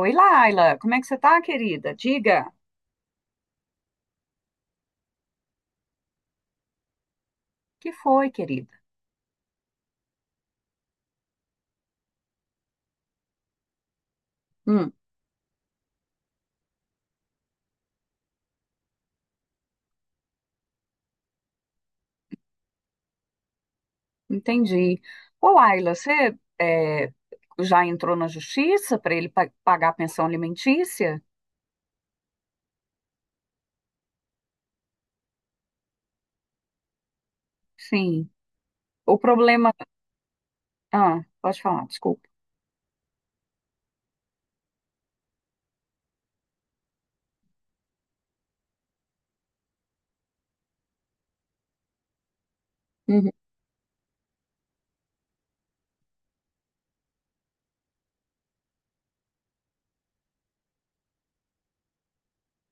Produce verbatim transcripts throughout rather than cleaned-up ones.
Oi, Laila, como é que você tá, querida? Diga, que foi, querida? Hum, entendi. Ô, Laila, você é, já entrou na justiça para ele pa- pagar a pensão alimentícia? Sim. O problema. Ah, pode falar, desculpa. Uhum,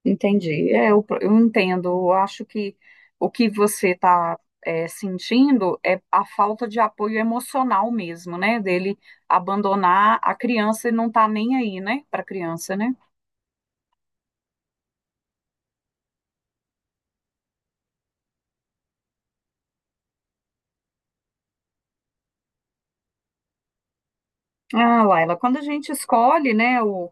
entendi. É, eu, pro- eu entendo. Eu acho que o que você está sentindo é a falta de apoio emocional mesmo, né? Dele abandonar a criança e não tá nem aí, né? Para a criança, né? Ah, Laila, quando a gente escolhe, né, o,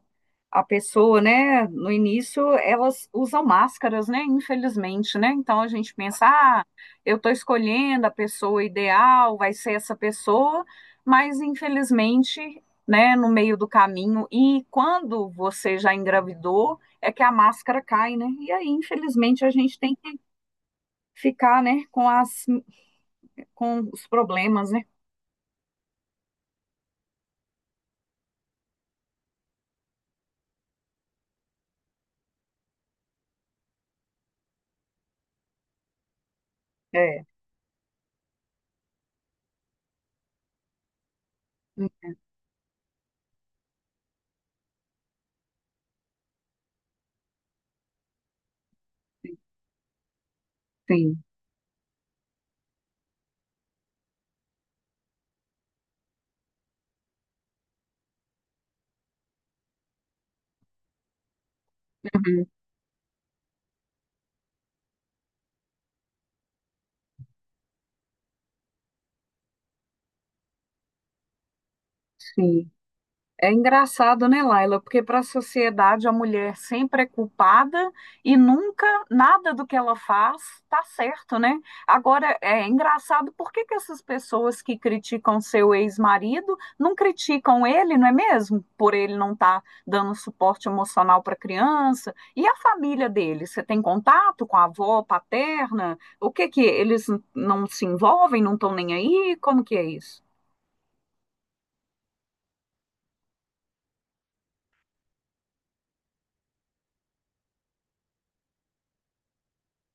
a pessoa, né, no início elas usam máscaras, né, infelizmente, né, então a gente pensa, ah, eu estou escolhendo a pessoa ideal, vai ser essa pessoa, mas infelizmente, né, no meio do caminho e quando você já engravidou, é que a máscara cai, né, e aí infelizmente a gente tem que ficar, né, com as, com os problemas, né, é, sim, uhum, sim. É engraçado, né, Laila? Porque para a sociedade a mulher sempre é culpada e nunca nada do que ela faz tá certo, né? Agora é engraçado por que que essas pessoas que criticam seu ex-marido não criticam ele, não é mesmo? Por ele não estar dando suporte emocional para a criança. E a família dele? Você tem contato com a avó paterna? O que que eles não se envolvem, não estão nem aí? Como que é isso?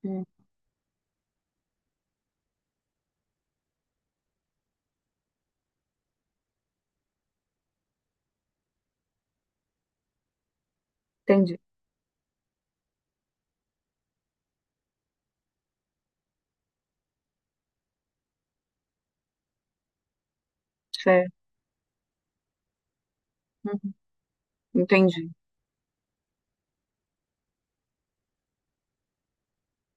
Hum, entendi. É, uhum, entendi.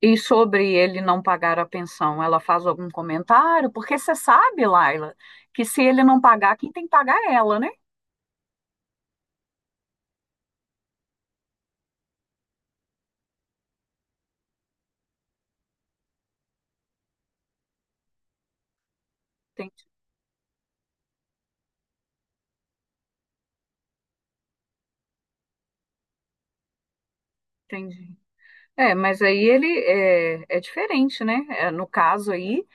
E sobre ele não pagar a pensão, ela faz algum comentário? Porque você sabe, Laila, que se ele não pagar, quem tem que pagar é ela, né? Entendi. Entendi. É, mas aí ele é, é diferente, né? É, no caso aí,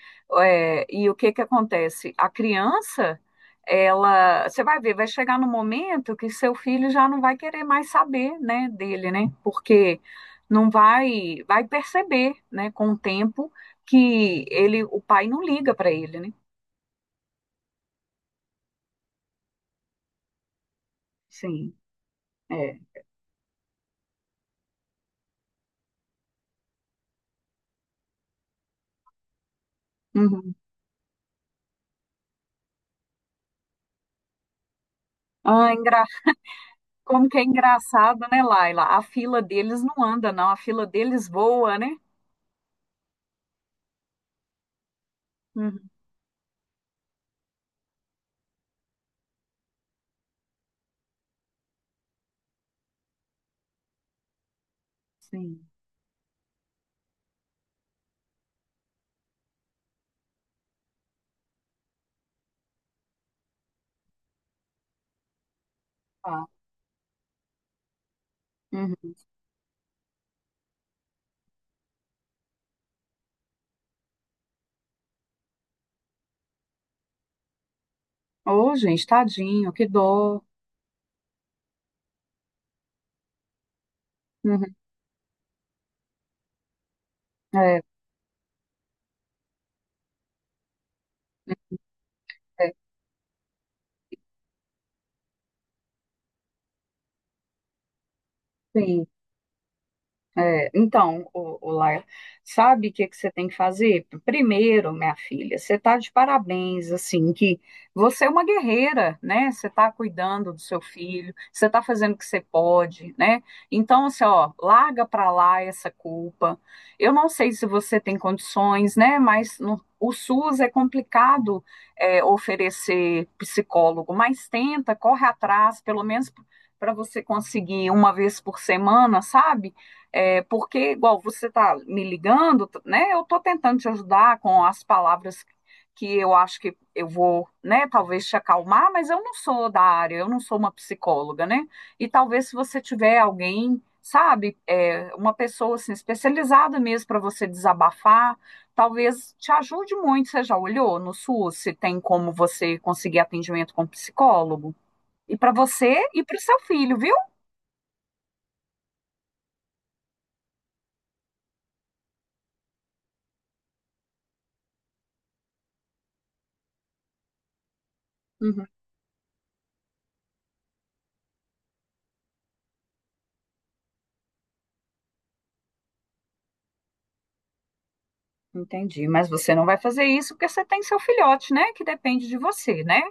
é, e o que que acontece? A criança, ela, você vai ver, vai chegar no momento que seu filho já não vai querer mais saber, né, dele, né? Porque não vai, vai perceber, né, com o tempo que ele, o pai não liga para ele, né? Sim, é. Uhum. Ah, engra... Como que é engraçado, né, Laila? A fila deles não anda, não. A fila deles voa, né? Uhum. Sim. Ah, uhum. Ô, gente, tadinho, que dó. Uhum. É, é, é. Sim. É, então, o, o Laia, sabe o que que você tem que fazer? Primeiro, minha filha, você está de parabéns, assim, que você é uma guerreira, né? Você está cuidando do seu filho, você está fazendo o que você pode, né? Então, assim, ó, larga para lá essa culpa. Eu não sei se você tem condições, né? Mas no- o SUS é complicado é, oferecer psicólogo, mas tenta, corre atrás, pelo menos para você conseguir uma vez por semana, sabe? É, porque, igual você está me ligando, né? Eu estou tentando te ajudar com as palavras que eu acho que eu vou, né? Talvez te acalmar, mas eu não sou da área, eu não sou uma psicóloga, né? E talvez se você tiver alguém, sabe, é, uma pessoa assim, especializada mesmo para você desabafar, talvez te ajude muito. Você já olhou no SUS se tem como você conseguir atendimento com psicólogo? E para você e para o seu filho, viu? Uhum. Entendi, mas você não vai fazer isso porque você tem seu filhote, né? Que depende de você, né?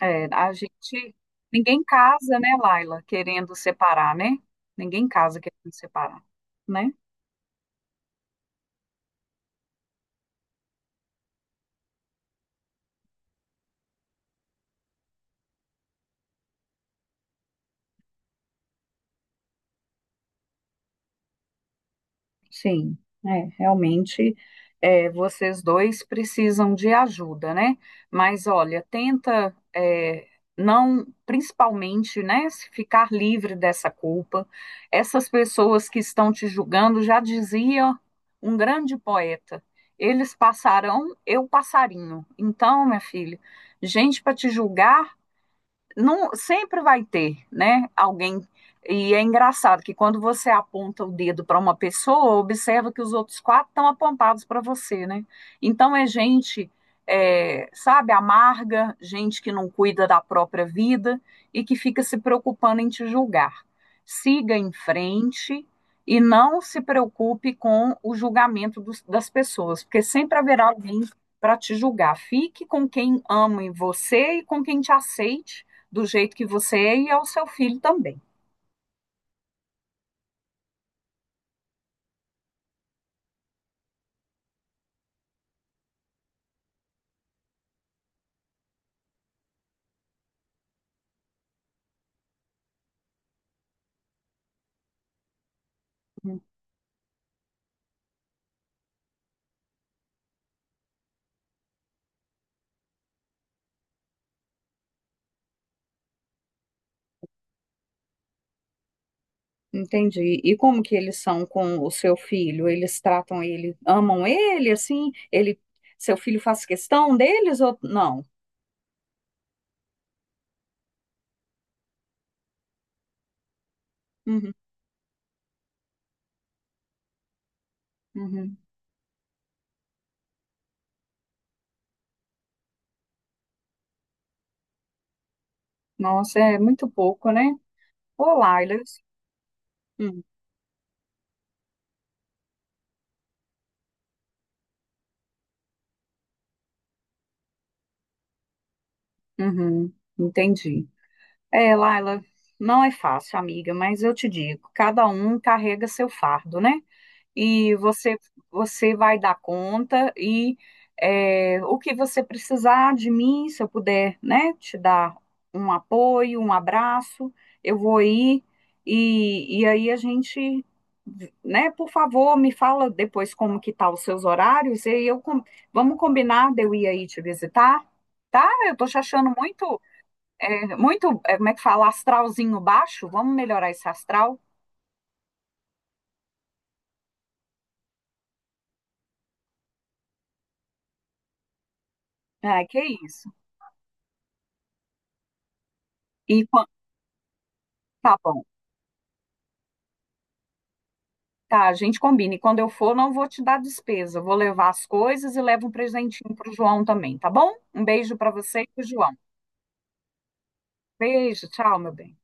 É, a gente, ninguém casa, né, Laila, querendo separar, né? Ninguém casa querendo separar, né? Sim, é, realmente é, vocês dois precisam de ajuda, né? Mas olha, tenta é, não, principalmente, né, se ficar livre dessa culpa. Essas pessoas que estão te julgando já dizia um grande poeta: eles passarão, eu passarinho. Então, minha filha, gente para te julgar não, sempre vai ter, né? Alguém. E é engraçado que quando você aponta o dedo para uma pessoa, observa que os outros quatro estão apontados para você, né? Então é gente, é, sabe, amarga, gente que não cuida da própria vida e que fica se preocupando em te julgar. Siga em frente e não se preocupe com o julgamento dos- das pessoas, porque sempre haverá alguém para te julgar. Fique com quem ama em você e com quem te aceite do jeito que você é e ao seu filho também. Entendi. E como que eles são com o seu filho? Eles tratam ele, amam ele, assim? Ele, seu filho faz questão deles ou não? Uhum, uhum. Nossa, é muito pouco, né? Ô, Laila. Uhum. Uhum, entendi. É, Laila, não é fácil, amiga, mas eu te digo, cada um carrega seu fardo, né? e você você vai dar conta e é, o que você precisar de mim, se eu puder, né, te dar um apoio, um abraço, eu vou ir e, e aí a gente, né, por favor, me fala depois como que tá os seus horários e eu com- vamos combinar de eu ir aí te visitar, tá? Eu tô te achando muito, é, muito, é, como é que fala, astralzinho baixo, vamos melhorar esse astral? Ah, que isso. E quan- tá bom. Tá, a gente combina. E quando eu for, não vou te dar despesa. Vou levar as coisas e levo um presentinho pro João também, tá bom? Um beijo para você e pro João. Beijo, tchau, meu bem.